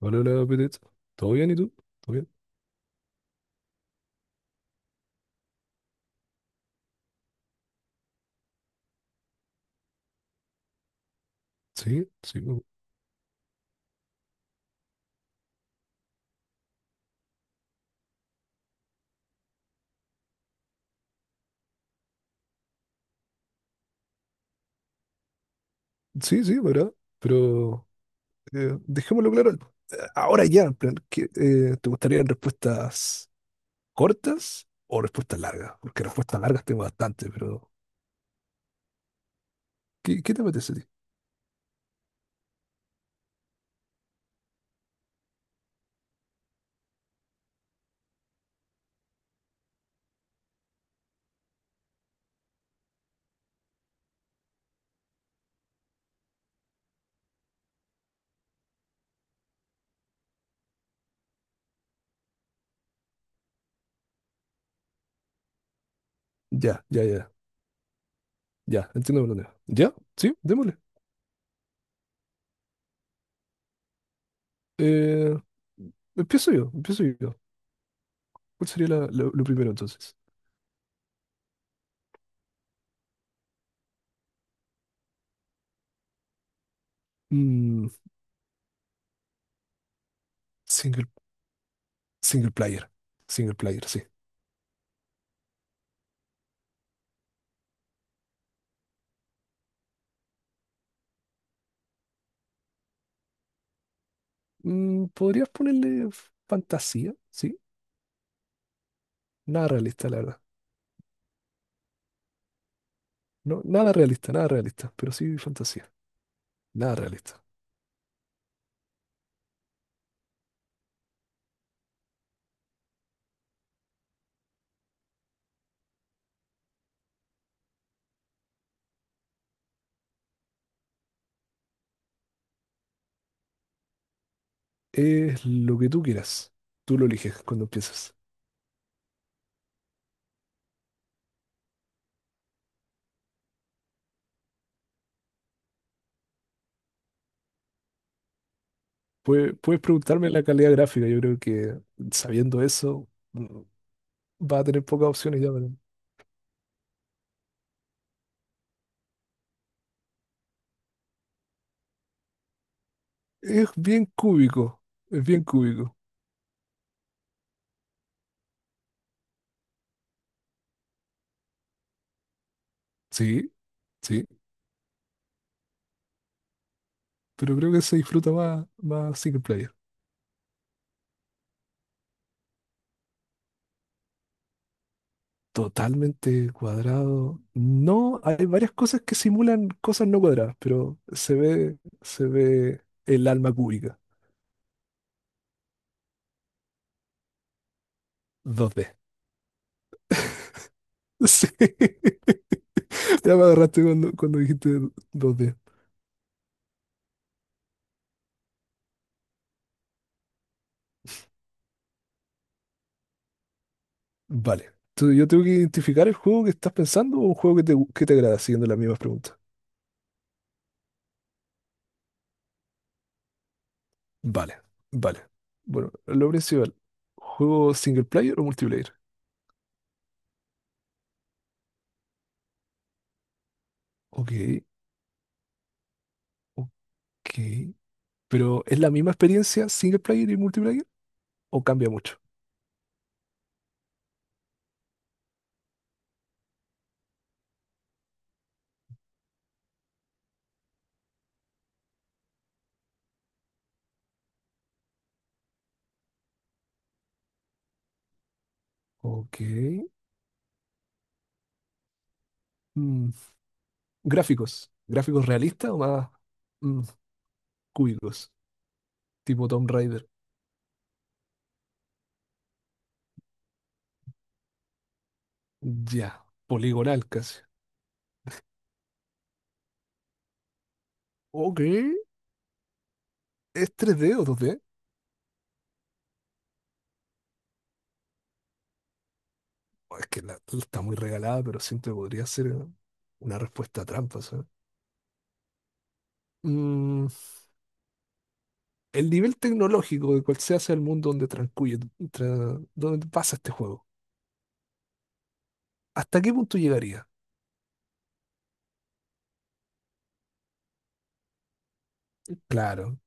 Hola, hola, Pete. ¿Todo bien y tú? ¿Todo bien? Sí, sí, sí, sí, ¿verdad? Pero dejémoslo claro ahora ya, en plan, ¿te gustarían respuestas cortas o respuestas largas? Porque respuestas largas tengo bastante, pero ¿qué te apetece a ti? Ya, ya, ya, ya, entiendo por dónde. ¿Ya? Sí, démosle. Eh, Empiezo yo, empiezo yo. ¿Cuál sería lo primero entonces? Mm, single, Single player, single player, sí. Podrías ponerle fantasía, ¿sí? Nada realista, la verdad. No, nada realista, nada realista, pero sí fantasía. Nada realista. Es lo que tú quieras. Tú lo eliges cuando empiezas. Puedes preguntarme la calidad gráfica. Yo creo que sabiendo eso, mm, va a tener pocas opciones ya. Es bien cúbico. Es bien cúbico. Sí, sí. Pero creo que se disfruta más, más single player. Totalmente cuadrado. No, hay varias cosas que simulan cosas no cuadradas, pero se ve el alma cúbica. 2D. Sí. Ya me agarraste cuando, dijiste 2D. Vale. Yo tengo que identificar el juego que estás pensando o un juego que te agrada, siguiendo las mismas preguntas. Vale, vale. Bueno, lo principal. ¿Juego single player o multiplayer? Ok, ok. Pero ¿es la misma experiencia single player y multiplayer? ¿O cambia mucho? Ok. Mm, Gráficos. ¿Gráficos realistas o más mm, cúbicos? Tipo Tomb Raider. Ya. Poligonal casi. Ok. es tres 3D o 2D? Oh, es que está muy regalada, pero siento que podría ser una respuesta trampa, ¿sabes? Mm, el nivel tecnológico de cual se hace el mundo donde transcurre, donde pasa este juego. ¿Hasta qué punto llegaría? Claro,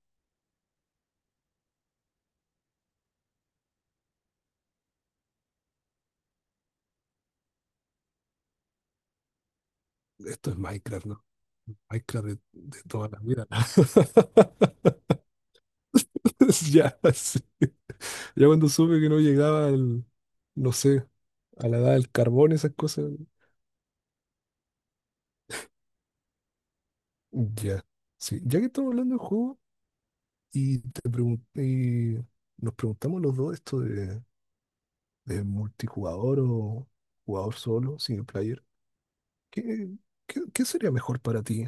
esto es Minecraft, ¿no? Minecraft de toda la vida. ¿No? Ya, sí. Ya cuando supe que no llegaba al, no sé, a la edad del carbón, esas cosas, ya. Sí, ya que estamos hablando de juegos y y nos preguntamos los dos esto de multijugador o jugador solo, single player, ¿qué, qué sería mejor para ti?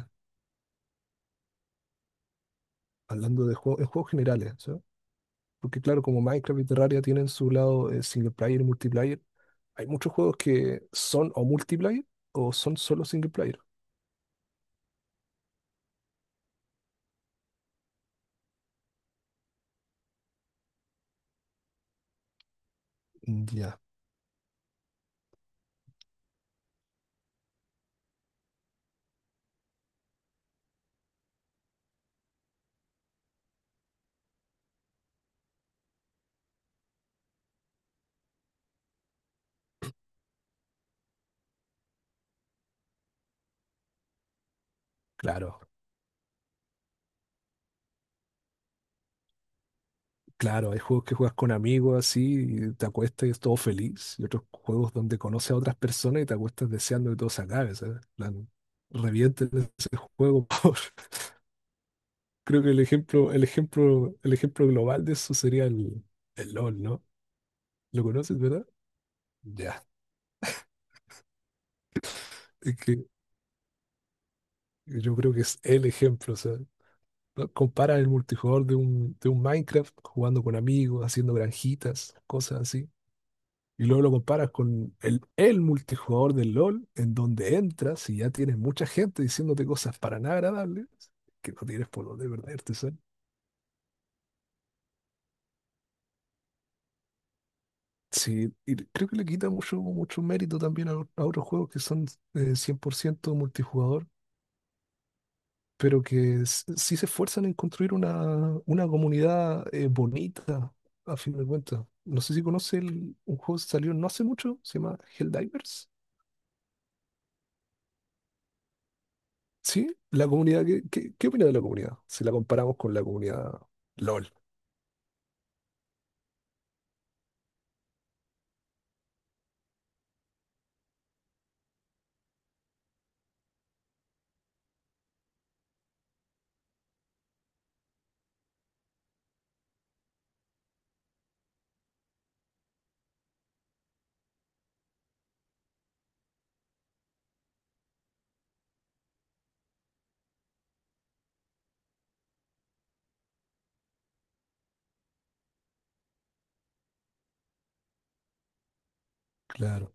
Hablando de juegos, en juegos generales, ¿sabes? Porque claro, como Minecraft y Terraria tienen su lado single player y multiplayer, hay muchos juegos que son o multiplayer o son solo single player. Ya, claro. Claro, hay juegos que juegas con amigos así, y te acuestas y es todo feliz, y otros juegos donde conoces a otras personas y te acuestas deseando que todo se acabe, ¿sabes? En plan, revienten ese juego, por favor. Creo que el ejemplo, global de eso sería el LOL, ¿no? ¿Lo conoces, verdad? Ya, es que yo creo que es el ejemplo, o sea, ¿no? Compara el multijugador de un, Minecraft jugando con amigos, haciendo granjitas, cosas así, y luego lo comparas con el multijugador del LOL, en donde entras y ya tienes mucha gente diciéndote cosas para nada agradables, que no tienes por dónde perderte, ¿sabes? Sí, y creo que le quita mucho, mucho mérito también a otros juegos que son 100% multijugador, pero que sí se esfuerzan en construir una comunidad bonita, a fin de cuentas. No sé si conoce un juego que salió no hace mucho, se llama Helldivers. Sí, la comunidad, ¿qué opinas de la comunidad? Si la comparamos con la comunidad LOL, claro.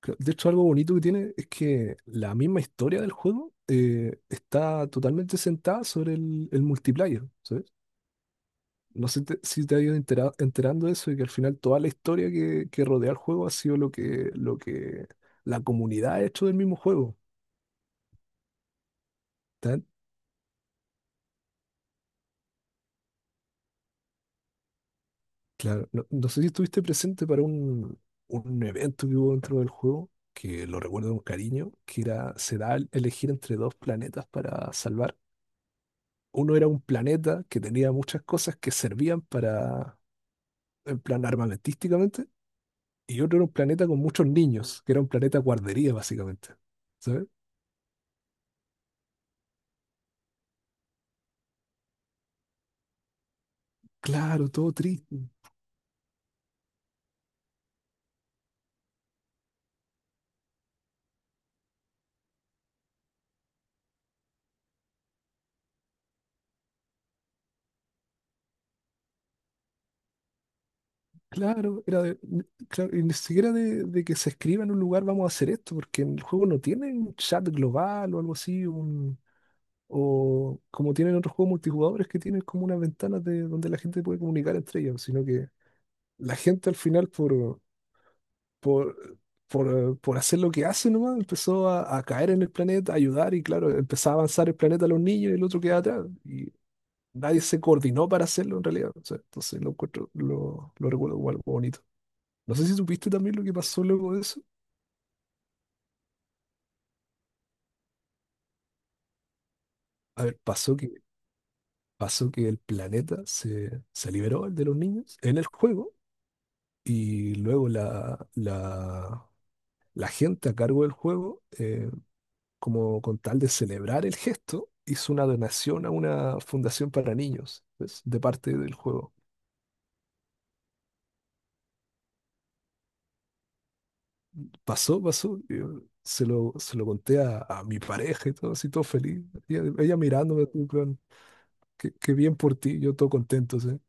De hecho, algo bonito que tiene es que la misma historia del juego está totalmente sentada sobre el multiplayer, ¿sabes? No sé si te has ido enterando de eso y que al final toda la historia que rodea el juego ha sido lo que, la comunidad ha hecho del mismo juego. Claro, no sé si estuviste presente para un evento que hubo dentro del juego, que lo recuerdo con cariño, que era, se da a elegir entre dos planetas para salvar. Uno era un planeta que tenía muchas cosas que servían para, en plan armamentísticamente, y otro era un planeta con muchos niños, que era un planeta guardería básicamente. ¿Sabes? Claro, todo triste. Claro, claro, y ni siquiera de que se escriba en un lugar vamos a hacer esto, porque en el juego no tiene un chat global o algo así, o como tienen otros juegos multijugadores que tienen como unas ventanas de donde la gente puede comunicar entre ellos, sino que la gente al final por, por hacer lo que hace nomás empezó a caer en el planeta, a ayudar y claro, empezaba a avanzar el planeta a los niños y el otro quedaba atrás. Y nadie se coordinó para hacerlo en realidad. O sea, entonces lo encuentro, lo recuerdo como algo bonito. No sé si supiste también lo que pasó luego de eso. A ver, pasó que el planeta se liberó, el de los niños, en el juego. Y luego la gente a cargo del juego, como con tal de celebrar el gesto, hizo una donación a una fundación para niños, ¿ves? De parte del juego. Pasó, pasó. Yo se lo conté a mi pareja y todo, así todo feliz. Ella mirándome, así, en plan, qué bien por ti, yo todo contento, ¿sí?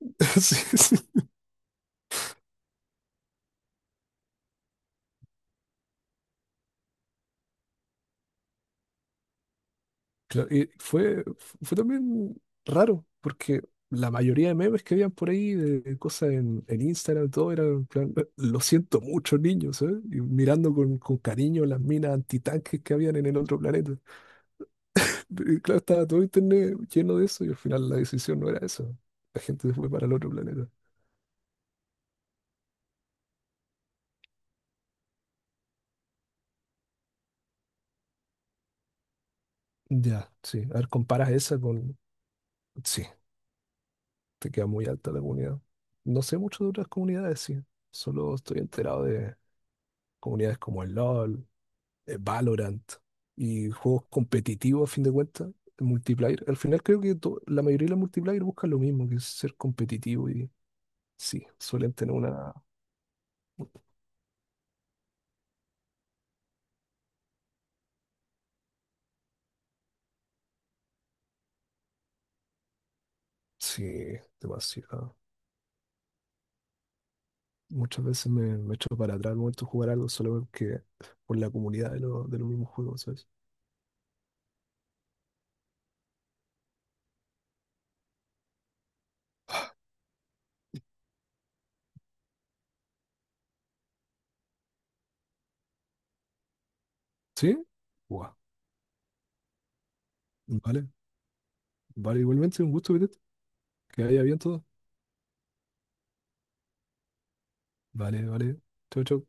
Sí, sí. Claro, y fue también raro, porque la mayoría de memes que habían por ahí, de cosas en Instagram, todo era en plan, lo siento mucho, niños, ¿eh?", y mirando con cariño las minas antitanques que habían en el otro planeta. Y claro, estaba todo internet lleno de eso y al final la decisión no era eso. La gente se fue para el otro planeta. Ya, sí. A ver, comparas esa con. Sí, te queda muy alta la comunidad. No sé mucho de otras comunidades, sí. Solo estoy enterado de comunidades como el LOL Valorant y juegos competitivos a fin de cuentas, el multiplayer. Al final creo que la mayoría de los multiplayer buscan lo mismo, que es ser competitivo y sí, suelen tener una. Sí, demasiado. Muchas veces me echo para atrás al momento de jugar algo solo porque por la comunidad de los mismos juegos, ¿sabes? ¿Sí? Guau. Vale, vale, igualmente un gusto, Vidente. Que haya bien todo. Vale, vale. Chau, chau.